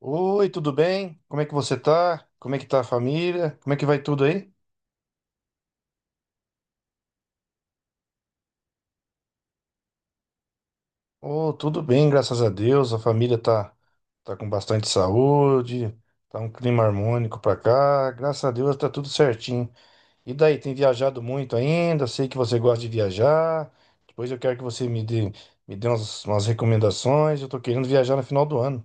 Oi, tudo bem? Como é que você tá? Como é que tá a família? Como é que vai tudo aí? Oh, tudo bem, graças a Deus. A família tá com bastante saúde, tá um clima harmônico pra cá. Graças a Deus tá tudo certinho. E daí, tem viajado muito ainda? Sei que você gosta de viajar. Depois eu quero que me dê umas recomendações. Eu tô querendo viajar no final do ano.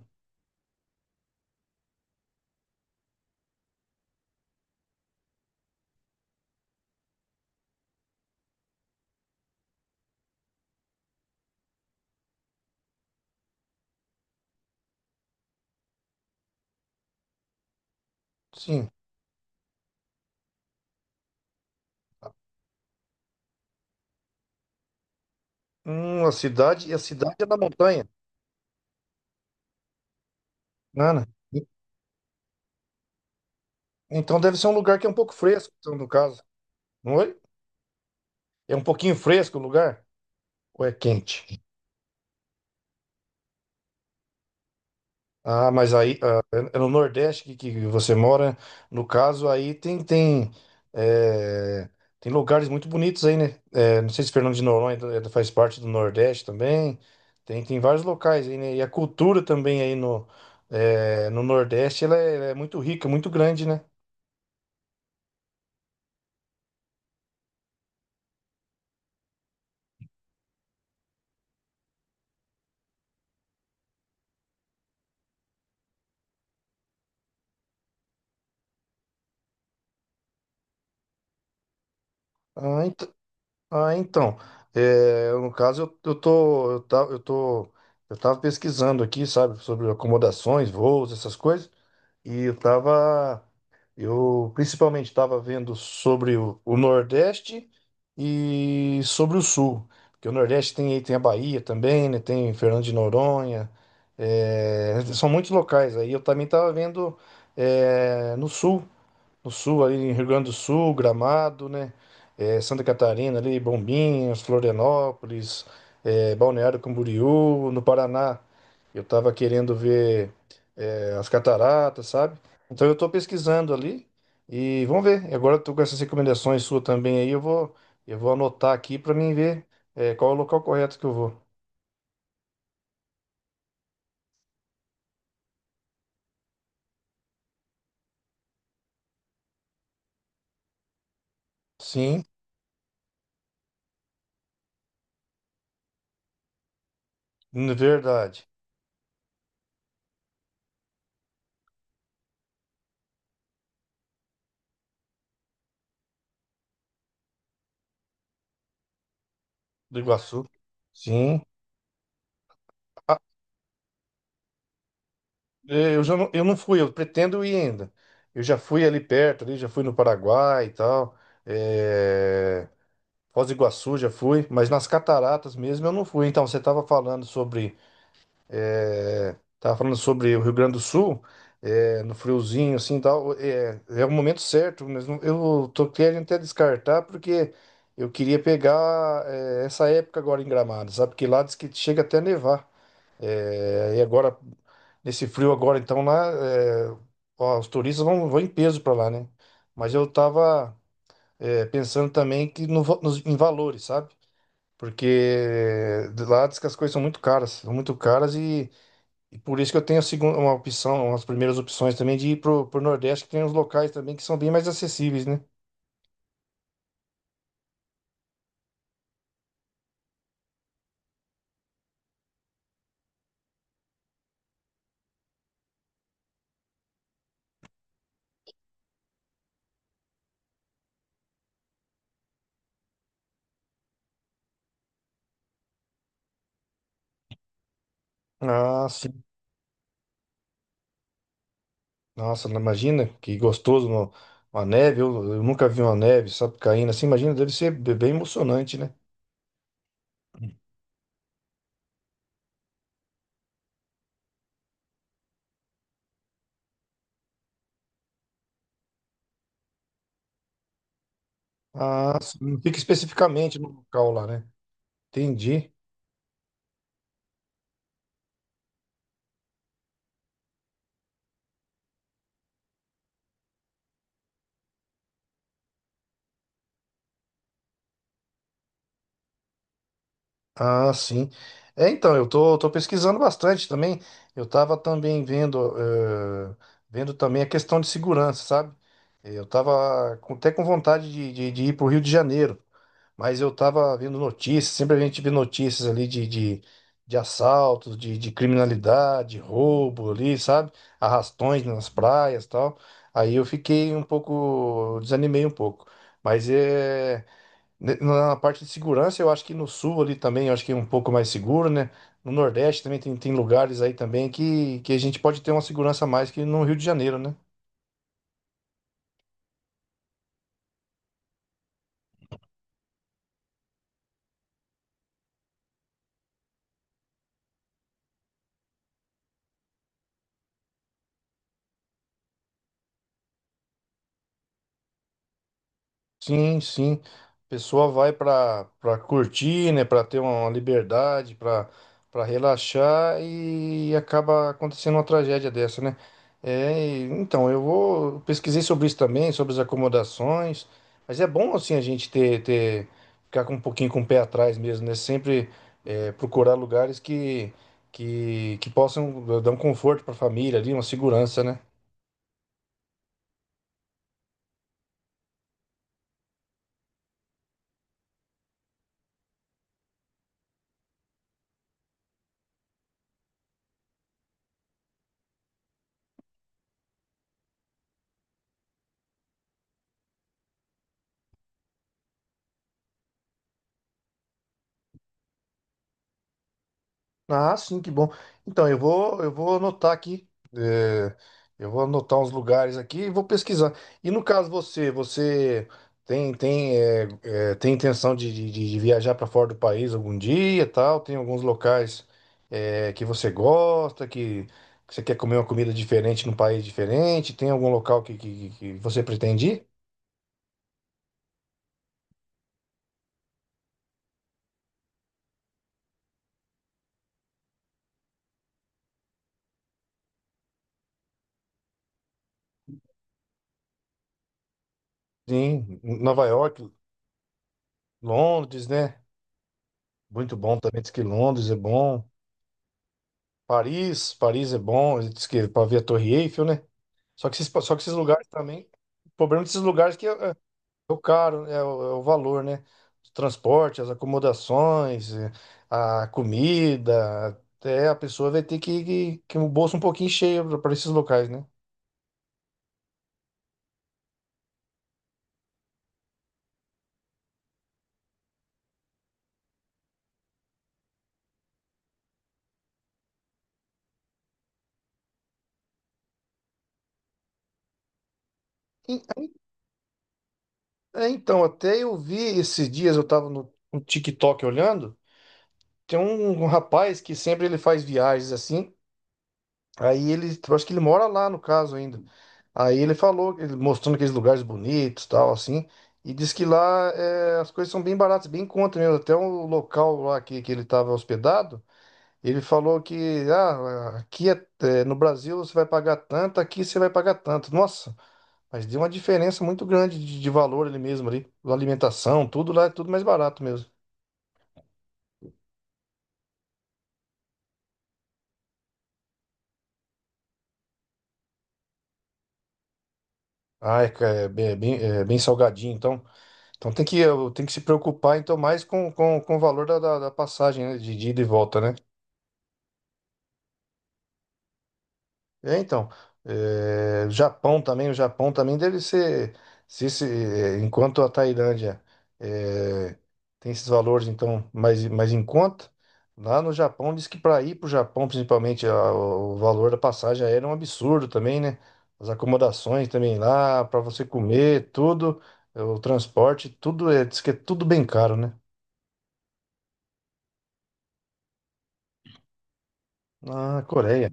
Sim. E a cidade é na montanha. Nana. Então deve ser um lugar que é um pouco fresco, então, no caso. Não é? É um pouquinho fresco o lugar? Ou é quente? Ah, mas aí ah, é no Nordeste que você mora. No caso, aí é, tem lugares muito bonitos aí, né? É, não sei se Fernando de Noronha é- faz parte do Nordeste também. Tem vários locais aí, né? E a cultura também aí no Nordeste, ela é muito rica, muito grande, né? Ah, ent- Ah, então, no caso eu tava pesquisando aqui, sabe, sobre acomodações, voos, essas coisas, e eu tava, eu principalmente estava vendo sobre o Nordeste e sobre o Sul, porque o Nordeste tem a Bahia também, né, tem Fernando de Noronha, é, são muitos locais aí, eu também tava vendo, é, no Sul, no sul, ali em Rio Grande do Sul, Gramado, né? É, Santa Catarina, ali, Bombinhas, Florianópolis, é, Balneário Camboriú, no Paraná. Eu tava querendo ver, é, as cataratas, sabe? Então eu tô pesquisando ali e vamos ver. E agora eu tô com essas recomendações suas também aí, eu vou anotar aqui para mim ver, é, qual é o local correto que eu vou. Sim, verdade. Do Iguaçu. Sim. É, eu já não, eu não fui, eu pretendo ir ainda. Eu já fui ali perto, ali, já fui no Paraguai e tal. É... Foz do Iguaçu já fui, mas nas cataratas mesmo eu não fui. Então, você estava falando sobre. É... Tava falando sobre o Rio Grande do Sul, é, no friozinho, assim, e tal. É, é o momento certo, mas eu tô querendo até descartar, porque eu queria pegar, é, essa época agora em Gramado, sabe? Porque lá diz que chega até a nevar. É, e agora nesse frio agora, então, lá, é, ó, os turistas vão em peso para lá, né? Mas eu tava, é, pensando também que no, va- nos, em valores, sabe? Porque de lá diz que as coisas são muito caras e por isso que eu tenho uma opção, umas primeiras opções também de ir pro Nordeste, que tem uns locais também que são bem mais acessíveis, né? Ah, sim. Nossa, imagina que gostoso, uma neve, eu nunca vi uma neve, sabe, caindo assim, imagina, deve ser bem emocionante, né? Ah, sim. Não fica especificamente no local lá, né? Entendi. Ah, sim. É, então, tô pesquisando bastante também. Eu tava também vendo, eh, vendo também a questão de segurança, sabe? Eh, eu tava até com vontade de, de ir pro Rio de Janeiro, mas eu tava vendo notícias, sempre a gente vê notícias ali de assaltos, de criminalidade, roubo ali, sabe? Arrastões nas praias e tal. Aí eu fiquei um pouco, desanimei um pouco. Mas é. Na parte de segurança, eu acho que no sul ali também, eu acho que é um pouco mais seguro, né? No Nordeste também tem lugares aí também que a gente pode ter uma segurança a mais que no Rio de Janeiro, né? Sim, sim. A pessoa vai para para curtir, né, para ter uma liberdade, para para relaxar e acaba acontecendo uma tragédia dessa, né? É, então eu vou pesquisei sobre isso também, sobre as acomodações, mas é bom assim a gente ter ficar com um pouquinho com o pé atrás mesmo, né? Sempre é, procurar lugares que que possam dar um conforto para a família ali, uma segurança, né? Ah, sim, que bom. Então, eu vou anotar aqui. É, eu vou anotar uns lugares aqui e vou pesquisar. E no caso você tem tem intenção de, de viajar para fora do país algum dia, e tal? Tem alguns locais é, que você gosta, que você quer comer uma comida diferente num país diferente? Tem algum local que você pretende ir? Sim, Nova York, Londres, né? Muito bom também. Diz que Londres é bom. Paris, Paris é bom, diz que para ver a Torre Eiffel, né? Só que esses lugares também, o problema desses lugares é é o caro, né? É é o valor, né? Os transportes, as acomodações, é, a comida, até a pessoa vai ter que o bolso um pouquinho cheio para esses locais, né? E- então, até eu vi esses dias, eu tava no TikTok olhando, tem um rapaz que sempre ele faz viagens assim. Aí ele, eu acho que ele mora lá no caso ainda. Aí ele falou, ele mostrando aqueles lugares bonitos, tal, assim, e diz que lá é, as coisas são bem baratas, bem em conta mesmo. Até o local lá que ele estava hospedado, ele falou que ah, aqui é, no Brasil você vai pagar tanto, aqui você vai pagar tanto. Nossa, mas deu uma diferença muito grande de valor ali mesmo ali, alimentação, tudo lá é tudo mais barato mesmo. Ah, é, é bem, é bem salgadinho, então. Então tem que, tem que se preocupar então mais com, com o valor da passagem, né? De ida e volta, né? É, então, é, Japão também, o Japão também deve ser, se, é, enquanto a Tailândia é, tem esses valores então mais, mais em conta, lá no Japão diz que para ir para o Japão, principalmente, o valor da passagem aérea é um absurdo também, né? As acomodações também lá, para você comer, tudo, o transporte, tudo é, diz que é tudo bem caro, né? Na Coreia.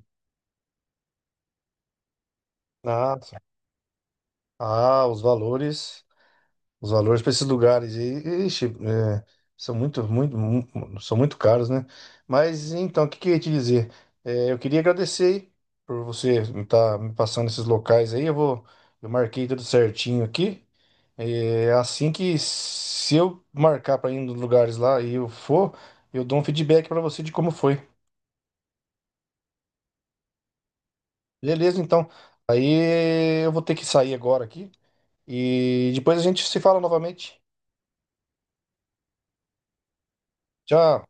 Ah, ah, os valores para esses lugares aí, ixi, é, são muito, são muito caros, né? Mas então, o que que eu ia te dizer? É, eu queria agradecer aí por você estar me passando esses locais aí. Eu vou, eu marquei tudo certinho aqui. É, assim que se eu marcar para ir nos lugares lá e eu for, eu dou um feedback para você de como foi. Beleza, então. Aí eu vou ter que sair agora aqui e depois a gente se fala novamente. Tchau.